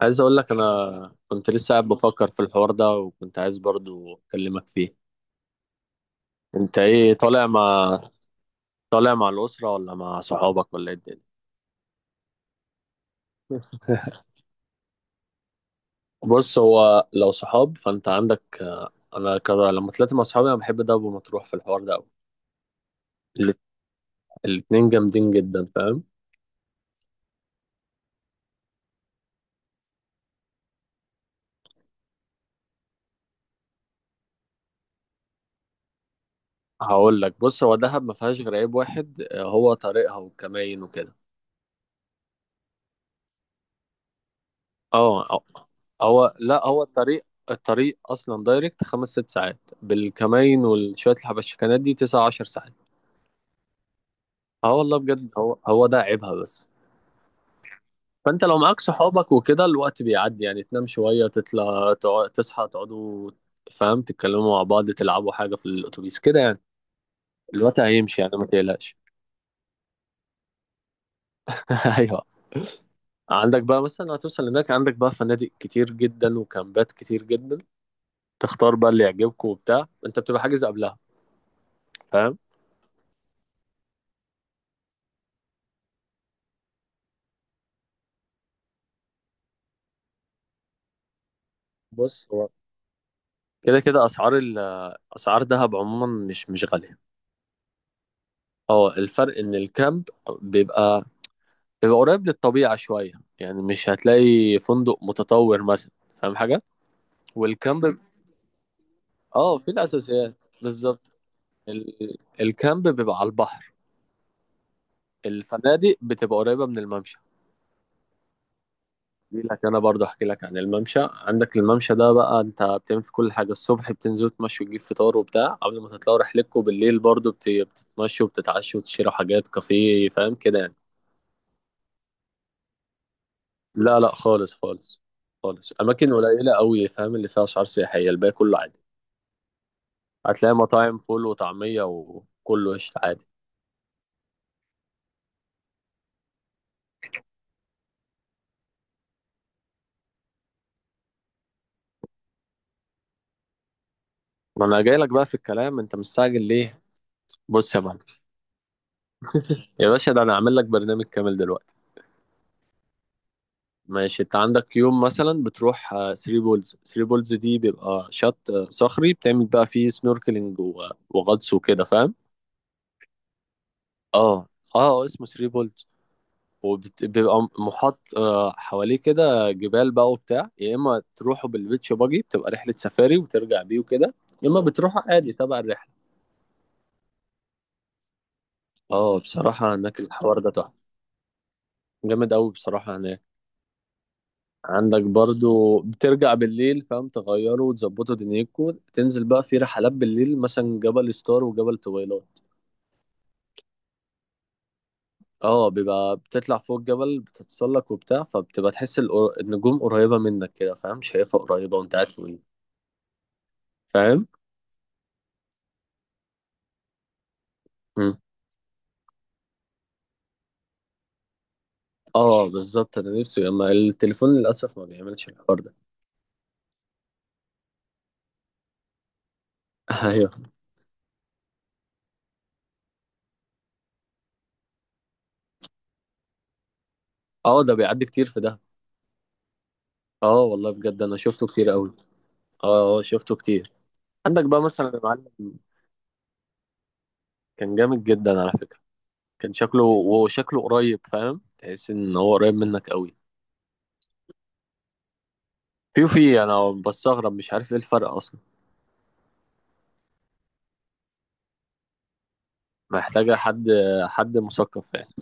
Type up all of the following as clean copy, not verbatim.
عايز اقول لك، انا كنت لسه قاعد بفكر في الحوار ده وكنت عايز برضو اكلمك فيه. انت ايه، طالع مع الاسره ولا مع صحابك ولا ايه الدنيا؟ بص، هو لو صحاب فانت عندك. انا كده لما طلعت مع صحابي انا بحب دهب ومطروح في الحوار ده قوي. الاتنين جامدين جدا، فاهم؟ هقول لك، بص، هو دهب ما فيهاش غير عيب واحد، هو طريقها والكماين وكده. اه، لا، هو الطريق. الطريق اصلا دايركت خمس ست ساعات، بالكمين وشويه الحبشكنات دي 19 ساعات. اه والله بجد، هو ده عيبها بس. فانت لو معاك صحابك وكده الوقت بيعدي، يعني تنام شويه، تطلع تصحى تقعدوا. فاهم، تتكلموا مع بعض تلعبوا حاجه في الاتوبيس كده يعني، الوقت هيمشي يعني، ما تقلقش. ايوه. عندك بقى مثلا هتوصل هناك، عندك بقى فنادق كتير جدا وكامبات كتير جدا، تختار بقى اللي يعجبك وبتاع، انت بتبقى حاجز قبلها، فاهم؟ بص، هو كده كده اسعار اسعار دهب عموما مش غاليه. اه، الفرق ان الكامب بيبقى بيبقى قريب للطبيعه شويه، يعني مش هتلاقي فندق متطور مثلا، فاهم حاجه. والكامب، اه، في الاساسيات. بالظبط. الكامب بيبقى على البحر، الفنادق بتبقى قريبه من الممشى. احكي لك، انا برضه احكي لك عن الممشى. عندك الممشى ده بقى، انت بتعمل في كل حاجه: الصبح بتنزل تمشي وتجيب فطار وبتاع، قبل ما تطلعوا رحلتكم بالليل برضه بتتمشوا وبتتعشوا وتشتروا حاجات كافيه، فاهم كده يعني. لا، لا خالص خالص، خالص اماكن قليله قوي فاهم، اللي فيها اسعار سياحيه الباقي كله عادي. هتلاقي مطاعم فول وطعميه وكله قشطه عادي. ما انا جاي لك بقى في الكلام، انت مستعجل ليه؟ بص يا معلم، يا باشا، ده انا هعمل لك برنامج كامل دلوقتي. ماشي. انت عندك يوم مثلا بتروح 3 بولز. 3 بولز دي بيبقى شط صخري، بتعمل بقى فيه سنوركلينج وغطس وكده فاهم. اه، اه اسمه 3 بولز. وبيبقى محاط حواليه كده جبال بقى وبتاع، يا اما تروحوا بالبيتش باجي بتبقى رحلة سفاري وترجع بيه وكده، يا اما بتروحوا عادي تبع الرحلة. اه، بصراحة هناك الحوار ده تحفة، جامد قوي بصراحة هناك. عندك برضو بترجع بالليل، فاهم، تغيره وتظبطه دنيتكو، تنزل بقى في رحلات بالليل مثلا جبل ستار وجبل طويلات. اه، بيبقى بتطلع فوق الجبل بتتسلق وبتاع، فبتبقى تحس النجوم قريبة منك كده فاهم، شايفها قريبة وانت قاعد فوقيه، فاهم. مم. اه، بالظبط. انا نفسي اما التليفون للأسف ما بيعملش الحوار ده. ايوه. اه، ده بيعدي كتير في ده. اه والله بجد، انا شفته كتير قوي. اه، شفته كتير. عندك بقى مثلا يا معلم، كان جامد جدا على فكرة. كان شكله وشكله قريب، فاهم، تحس ان هو قريب منك قوي. فيوفي، انا بستغرب، مش عارف ايه الفرق اصلا. محتاجه حد مثقف يعني.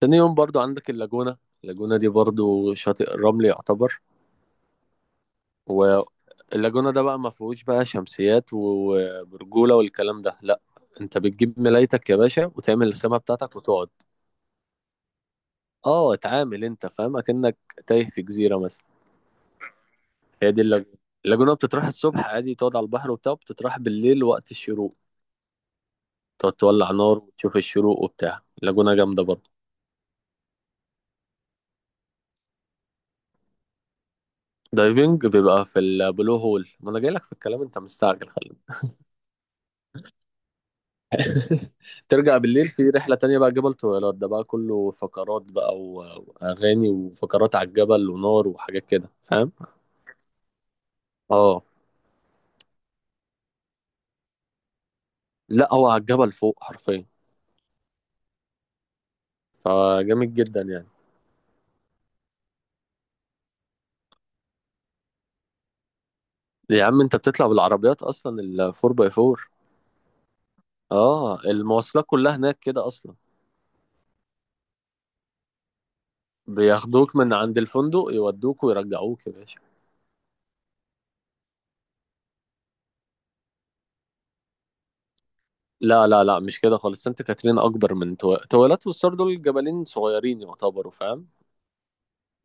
تاني يوم برضو عندك اللاجونة. اللاجونة دي برضو شاطئ الرمل يعتبر، واللاجونة ده بقى ما فيهوش بقى شمسيات وبرجولة والكلام ده، لا. انت بتجيب ملايتك يا باشا وتعمل الخيمة بتاعتك وتقعد. اه، اتعامل انت فاهم اكنك تايه في جزيرة مثلا. هي دي اللاجونة. اللاجونة بتتراح الصبح عادي تقعد على البحر وبتاع، بتتراح بالليل وقت الشروق، تقعد تولع نار وتشوف الشروق وبتاع. لاجونا جامدة برضه. دايفنج بيبقى في البلو هول. ما انا جاي لك في الكلام، انت مستعجل، خلي بالك. ترجع بالليل في رحلة تانية بقى، جبل طويلات ده بقى كله فقرات بقى واغاني وفقرات على الجبل ونار وحاجات كده فاهم. اه، لا، هو على الجبل فوق حرفيا، فجامد جدا يعني. يا عم انت بتطلع بالعربيات اصلا ال 4 باي 4. اه، المواصلات كلها هناك كده اصلا، بياخدوك من عند الفندق يودوك ويرجعوك يا باشا. لا، لا، لا، مش كده خالص. سانت كاترين اكبر من تويلات، والسور دول جبلين صغيرين يعتبروا فاهم،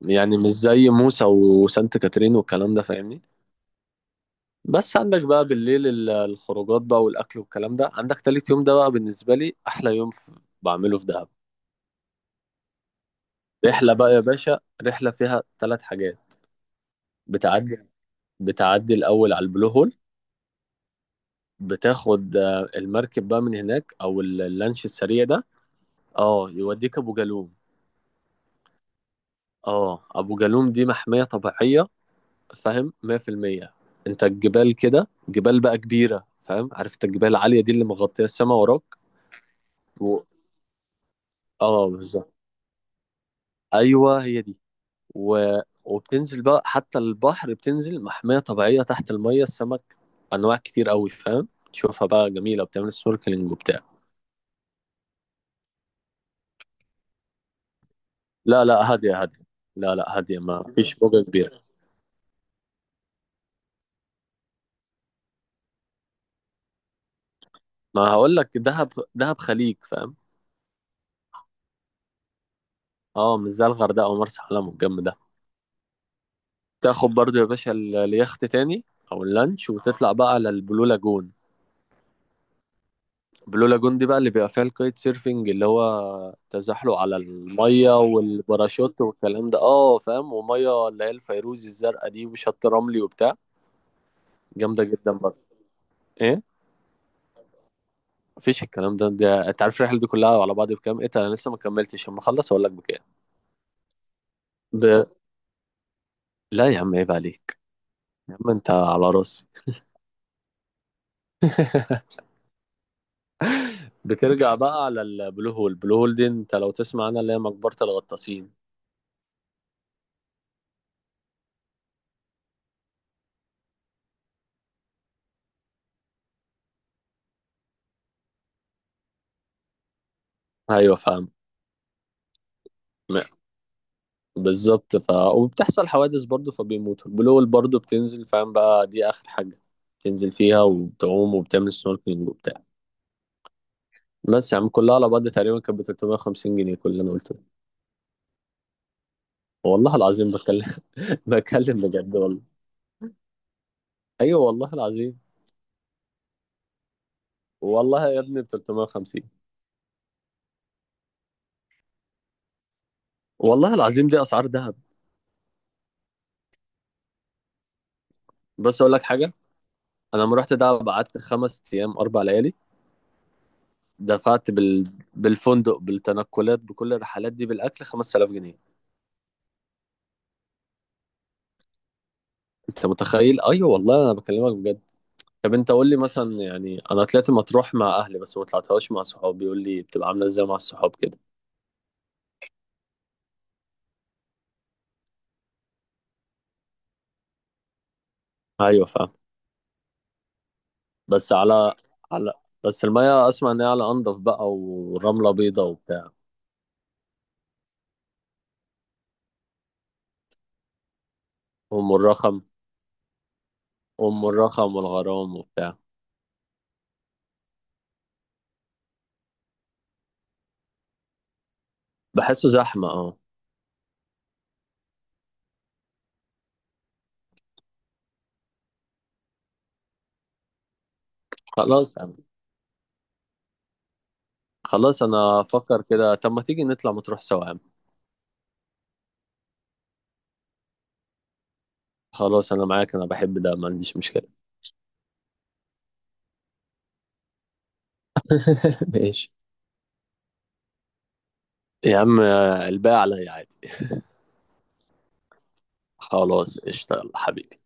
يعني مش زي موسى وسانت كاترين والكلام ده، فاهمني. بس عندك بقى بالليل الخروجات بقى والاكل والكلام ده، عندك تالت يوم ده بقى بالنسبه لي احلى يوم بعمله في دهب. رحله بقى يا باشا، رحله فيها ثلاث حاجات. بتعدي بتعدي الاول على البلو هول، بتاخد المركب بقى من هناك او اللانش السريع ده. اه، يوديك ابو جالوم. اه، ابو جالوم دي محميه طبيعيه، فاهم، 100%. انت الجبال كده، جبال بقى كبيره فاهم، عارف انت الجبال العاليه دي اللي مغطيه السما وراك. و... اه بالظبط، ايوه هي دي. و... وبتنزل بقى حتى البحر، بتنزل محميه طبيعيه، تحت الميه السمك انواع كتير قوي فاهم، تشوفها بقى جميله وبتعمل سنوركلينج وبتاع. لا، لا، هاديه هاديه. لا، لا هاديه، ما فيش موجه كبيره. ما هقول لك، دهب دهب خليج فاهم. اه، مش زي الغردقه ومرسى علم والجنب ده. تاخد برضو يا باشا اليخت تاني، او اللانش وتطلع بقى على البلو لاجون. البلو لاجون دي بقى اللي بيبقى فيها الكايت سيرفنج، اللي هو تزحلق على المية والباراشوت والكلام ده، اه فاهم، ومية اللي هي الفيروزي الزرقاء دي وشط رملي وبتاع. جامدة جدا برضه. ايه، مفيش الكلام ده انت عارف الرحلة دي كلها على بعض بكام، ايه ده، انا لسه ما كملتش، اما اخلص اقول لك بكام. ده، لا يا عم، عيب عليك. يا عم انت على راسي. بترجع بقى على البلو هول. البلو هول دي انت لو تسمع عنها اللي هي مقبرة الغطاسين، ايوه فاهم. م- بالظبط. وبتحصل حوادث برضو فبيموتوا. البلوول برضو بتنزل فاهم بقى، دي اخر حاجه بتنزل فيها، وبتعوم وبتعمل سنوركلينج وبتاع. بس يا عم، كلها على بعض تقريبا كانت ب 350 جنيه، كل اللي انا قلته ده. والله العظيم بتكلم. بتكلم بجد والله. ايوه والله العظيم. والله يا ابني ب 350. والله العظيم، دي اسعار دهب. بس اقول لك حاجه: انا لما رحت دهب قعدت 5 ايام 4 ليالي، دفعت بالفندق بالتنقلات بكل الرحلات دي بالاكل 5000 جنيه، انت متخيل. ايوه والله انا بكلمك بجد. طب انت قول لي مثلا يعني، انا طلعت مطروح مع اهلي بس ما طلعتهاش مع صحابي، يقول لي بتبقى عامله ازاي مع الصحاب كده. ايوه فاهم. بس على، على بس الميه اسمع ان هي على انضف بقى، ورمله بيضه وبتاع. ام الرخم. ام الرخم والغرام وبتاع. بحسه زحمه، اه. خلاص يعني. خلاص انا افكر كده، طب ما تيجي نطلع مطروح سوا يا عم. خلاص انا معاك، انا بحب ده، ما عنديش مشكله. ماشي. يا عم، الباقي عليا عادي. خلاص، اشتغل حبيبي.